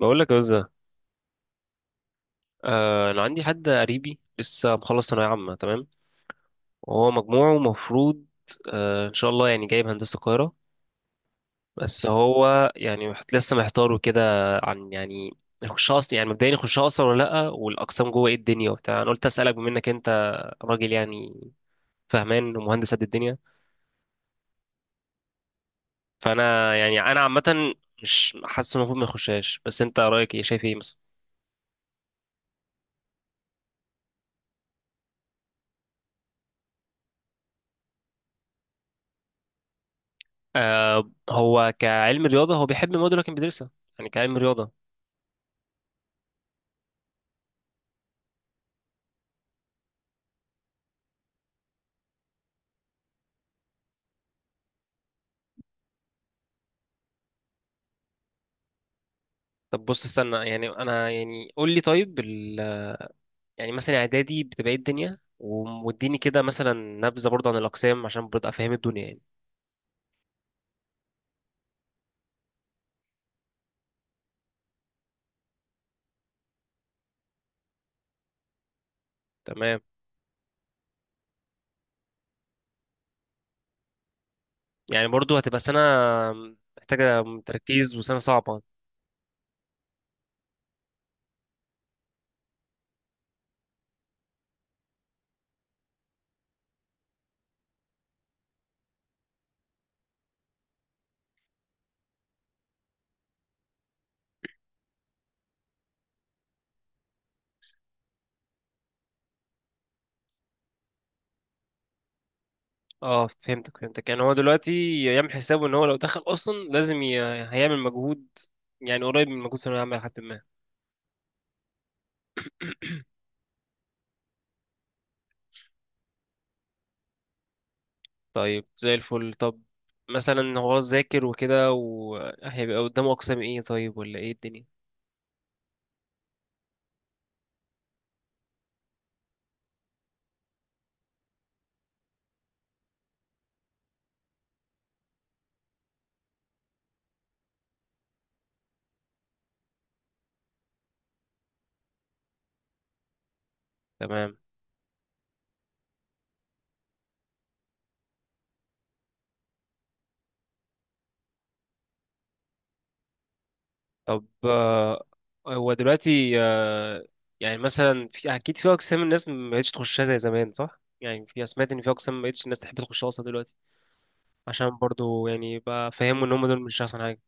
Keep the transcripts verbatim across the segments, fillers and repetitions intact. بقول لك يا وزة. آه، انا عندي حد قريبي لسه مخلص ثانويه عامه. تمام، وهو مجموعه المفروض آه ان شاء الله يعني جايب هندسه القاهره. بس هو يعني محت- لسه محتار وكده. عن يعني يخشها اصلا، يعني مبدئيا يخشها اصلا ولا لا، والاقسام جوه ايه الدنيا وبتاع. انا قلت اسالك بما انك انت راجل يعني فهمان ومهندس قد الدنيا. فانا يعني انا عامه مش حاسس انه المفروض ما يخشهاش، بس انت رايك ايه، شايف ايه مثلا؟ آه، هو كعلم رياضه هو بيحب المواد اللي كان بيدرسها، يعني كعلم رياضه. طب بص استنى، يعني انا يعني قول لي طيب ال... يعني مثلا اعدادي بتبقى ايه الدنيا و- واديني كده مثلا نبذه برضه عن الاقسام عشان برضه افهم الدنيا يعني. تمام، يعني برضه هتبقى سنه محتاجه تركيز وسنه صعبه. اه فهمتك فهمتك، يعني هو دلوقتي يعمل حسابه ان هو لو دخل اصلا لازم ي... هيعمل مجهود يعني قريب من مجهود ثانويه عامه لحد ما. طيب زي الفل. طب مثلا هو ذاكر وكده وهيبقى قدامه اقسام ايه طيب، ولا ايه الدنيا؟ تمام. طب آه، هو دلوقتي آه، يعني مثلا في اكيد في اقسام الناس ما بقتش تخشها زي زمان صح؟ يعني في سمعت ان في اقسام ما بقتش الناس تحب تخشها اصلا دلوقتي عشان برضو يعني بقى فهموا ان هم دول مش احسن حاجه.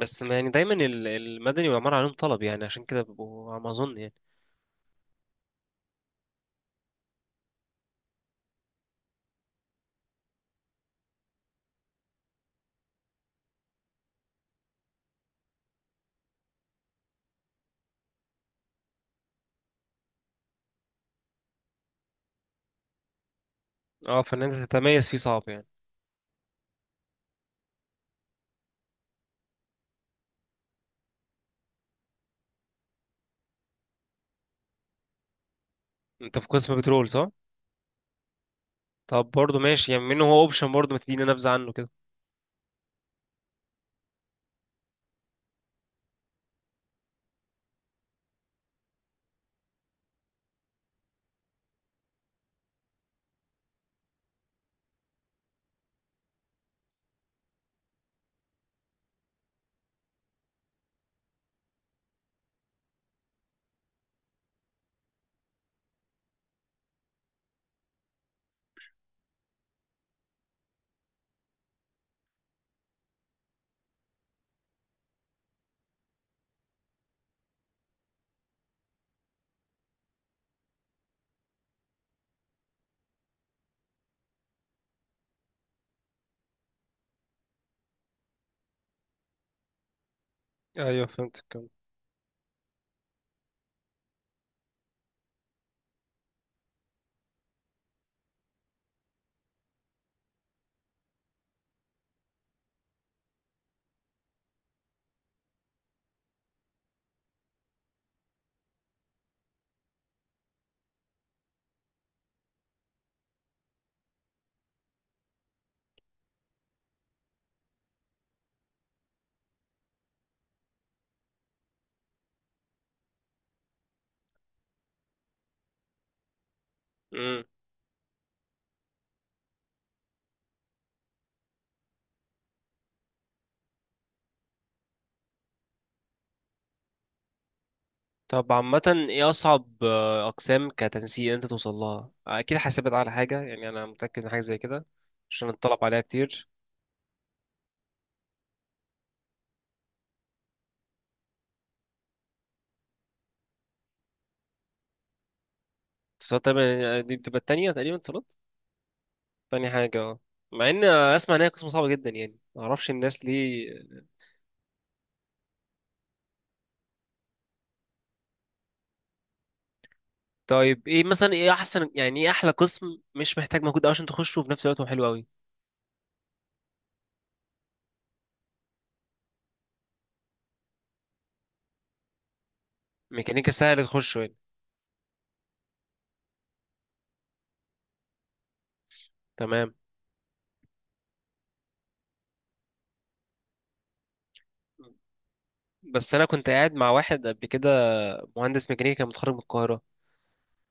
بس ما يعني دايما ال- المدني والعمارة عليهم طلب يعني، عشان كده بيبقوا على ما اظن يعني. اه، فان انت تتميز فيه صعب يعني. انت في قسم بترول صح؟ طب برضو ماشي، يعني منه هو اوبشن برضو، ما تدينا نبذه عنه كده. ايوه فهمتك. كم؟ طب عامة ايه أصعب آه، أقسام كتنسيق أنت توصل لها؟ أكيد حاسبت على حاجة، يعني أنا متأكد إن حاجة زي كده عشان اتطلب عليها كتير. اتصالات تقريبا دي بتبقى التانية، تقريبا اتصالات تاني حاجة. اه، مع إن آه، أسمع إن هي قسم صعبة جدا، يعني معرفش الناس ليه. طيب ايه مثلا، ايه أحسن، يعني ايه أحلى قسم مش محتاج مجهود أوي عشان تخشه وفي نفس الوقت هو حلو أوي؟ ميكانيكا سهل تخشه يعني؟ تمام. بس أنا كنت قاعد مع واحد قبل كده، مهندس ميكانيكا متخرج من القاهرة،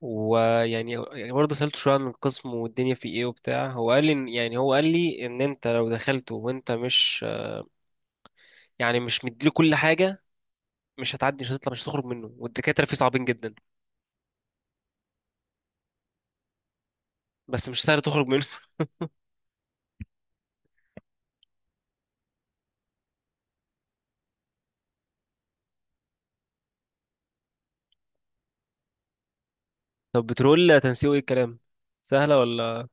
ويعني يعني برضه سألته شوية عن القسم والدنيا فيه ايه وبتاع، هو قال لي إن- يعني هو قال لي ان انت لو دخلته وانت مش يعني مش مديله كل حاجة مش هتعدي، مش هتطلع، مش هتخرج منه، والدكاترة فيه صعبين جدا. بس مش سهل تخرج منه طب بترول تنسيقه ايه الكلام، سهلة ولا؟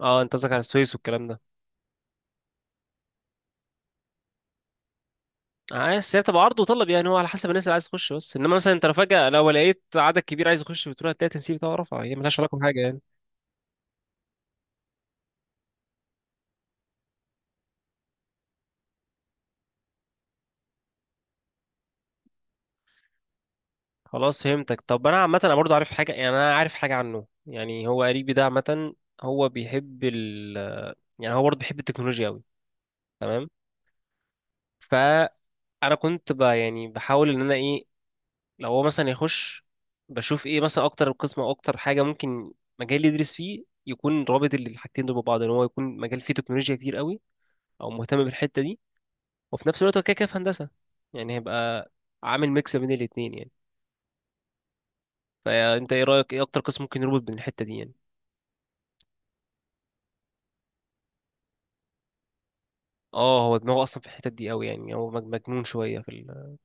اه انت قصدك على السويس والكلام ده. عايز، هي بتبقى عرض وطلب يعني، هو على حسب الناس اللي عايز تخش، بس انما مثلا انت لو فجأة لو لقيت عدد كبير عايز يخش بترول هتلاقي التنسيق بتاعه رفع، هي ملهاش علاقة بحاجة يعني. خلاص فهمتك. طب انا عامه انا برضو عارف حاجه، يعني انا عارف حاجه عنه، يعني هو قريبي ده عامه. هو بيحب ال يعني هو برضو بيحب التكنولوجيا قوي، تمام؟ فانا كنت ب... يعني بحاول ان انا ايه، لو هو مثلا يخش بشوف ايه مثلا اكتر قسم او اكتر حاجه ممكن مجال اللي يدرس فيه يكون رابط ال- الحاجتين دول ببعض، ان هو يكون مجال فيه تكنولوجيا كتير قوي او مهتم بالحته دي، وفي نفس الوقت هو كده كده في هندسه، يعني هيبقى عامل ميكس بين الاتنين يعني. فانت ايه رايك، ايه اكتر قسم ممكن يربط بين الحته دي يعني؟ اه، هو دماغه اصلا في الحتت دي قوي، يعني هو مج- مجنون شويه في ال...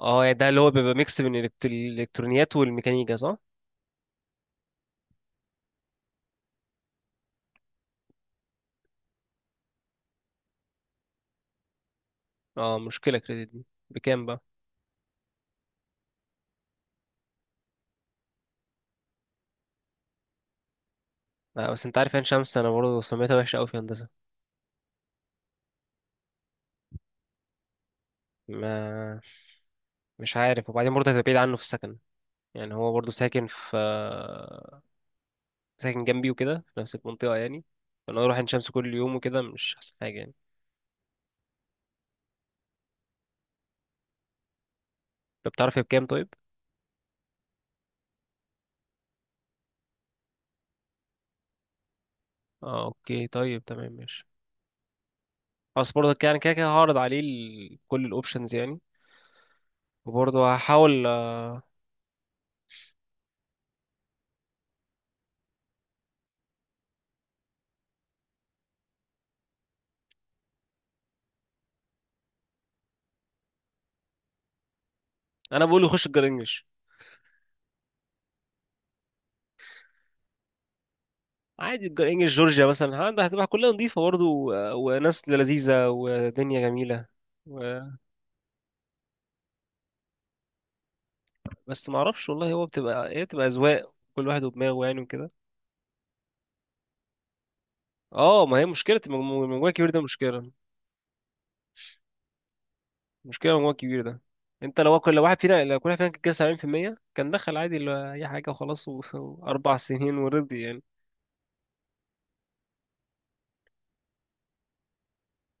اه يعني ده اللي هو بيبقى ميكس بين الإلكت- الالكترونيات والميكانيكا صح؟ اه، مشكله كريدت دي بكام بقى؟ آه بس انت عارف عين شمس انا برضه سميتها وحشه قوي في هندسه. ما مش عارف، وبعدين برضه هتبقى بعيد عنه في السكن، يعني هو برضه ساكن في ساكن جنبي وكده في نفس المنطقه يعني. فانا اروح عين شمس كل يوم وكده مش احسن حاجه يعني. طب بتعرف هي بكام طيب؟ اه اوكي، طيب تمام ماشي. خلاص برضه يعني كده كده هعرض عليه ال- كل الاوبشنز يعني، وبرضه هحاول. انا بقول يخش الجرينجش، عادي. الجرينجش جورجيا مثلا، عندها هتبقى كلها نظيفه برضه و- وناس لذيذه ودنيا جميله و... بس ما اعرفش والله، هو بتبقى، هي بتبقى اذواق كل واحد ودماغه يعني وكده. اه، ما هي مشكله المجموع المجموع الكبير ده مشكله، مشكله المجموع الكبير ده. انت لو كل واحد فينا لو كل واحد فينا كان كده سبعين في المية كان دخل عادي ل- اي حاجه وخلاص، و- واربع سنين ورضي يعني.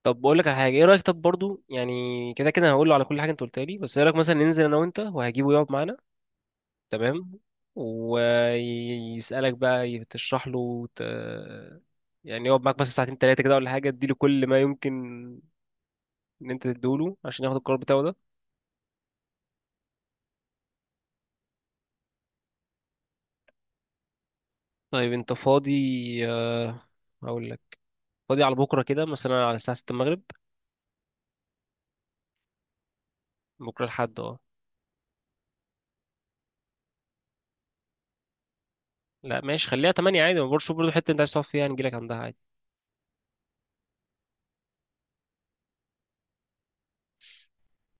طب بقول لك على حاجه، ايه رايك؟ طب برضو يعني كده كده هقول له على كل حاجه انت قلتها لي، بس ايه رايك مثلا ننزل انا وانت وهجيبه يقعد معانا؟ تمام، ويسألك بقى تشرح له ت... يعني يقعد معاك بس ساعتين تلاتة كده، ولا حاجة تديله كل ما يمكن إن أنت تديله عشان ياخد القرار بتاعه ده. طيب أنت فاضي؟ آه، هقول لك، فاضي على بكرة كده مثلا على الساعة ستة المغرب؟ بكرة لحد اه، لا ماشي خليها تمانية عادي، ما برضه شوف برضه حتة أنت عايز تقعد فيها نجيلك عندها عادي.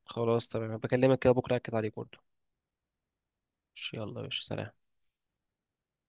خلاص تمام، بكلمك كده بكرة أكد عليك برضه. ماشي، يلا يا باشا، سلام.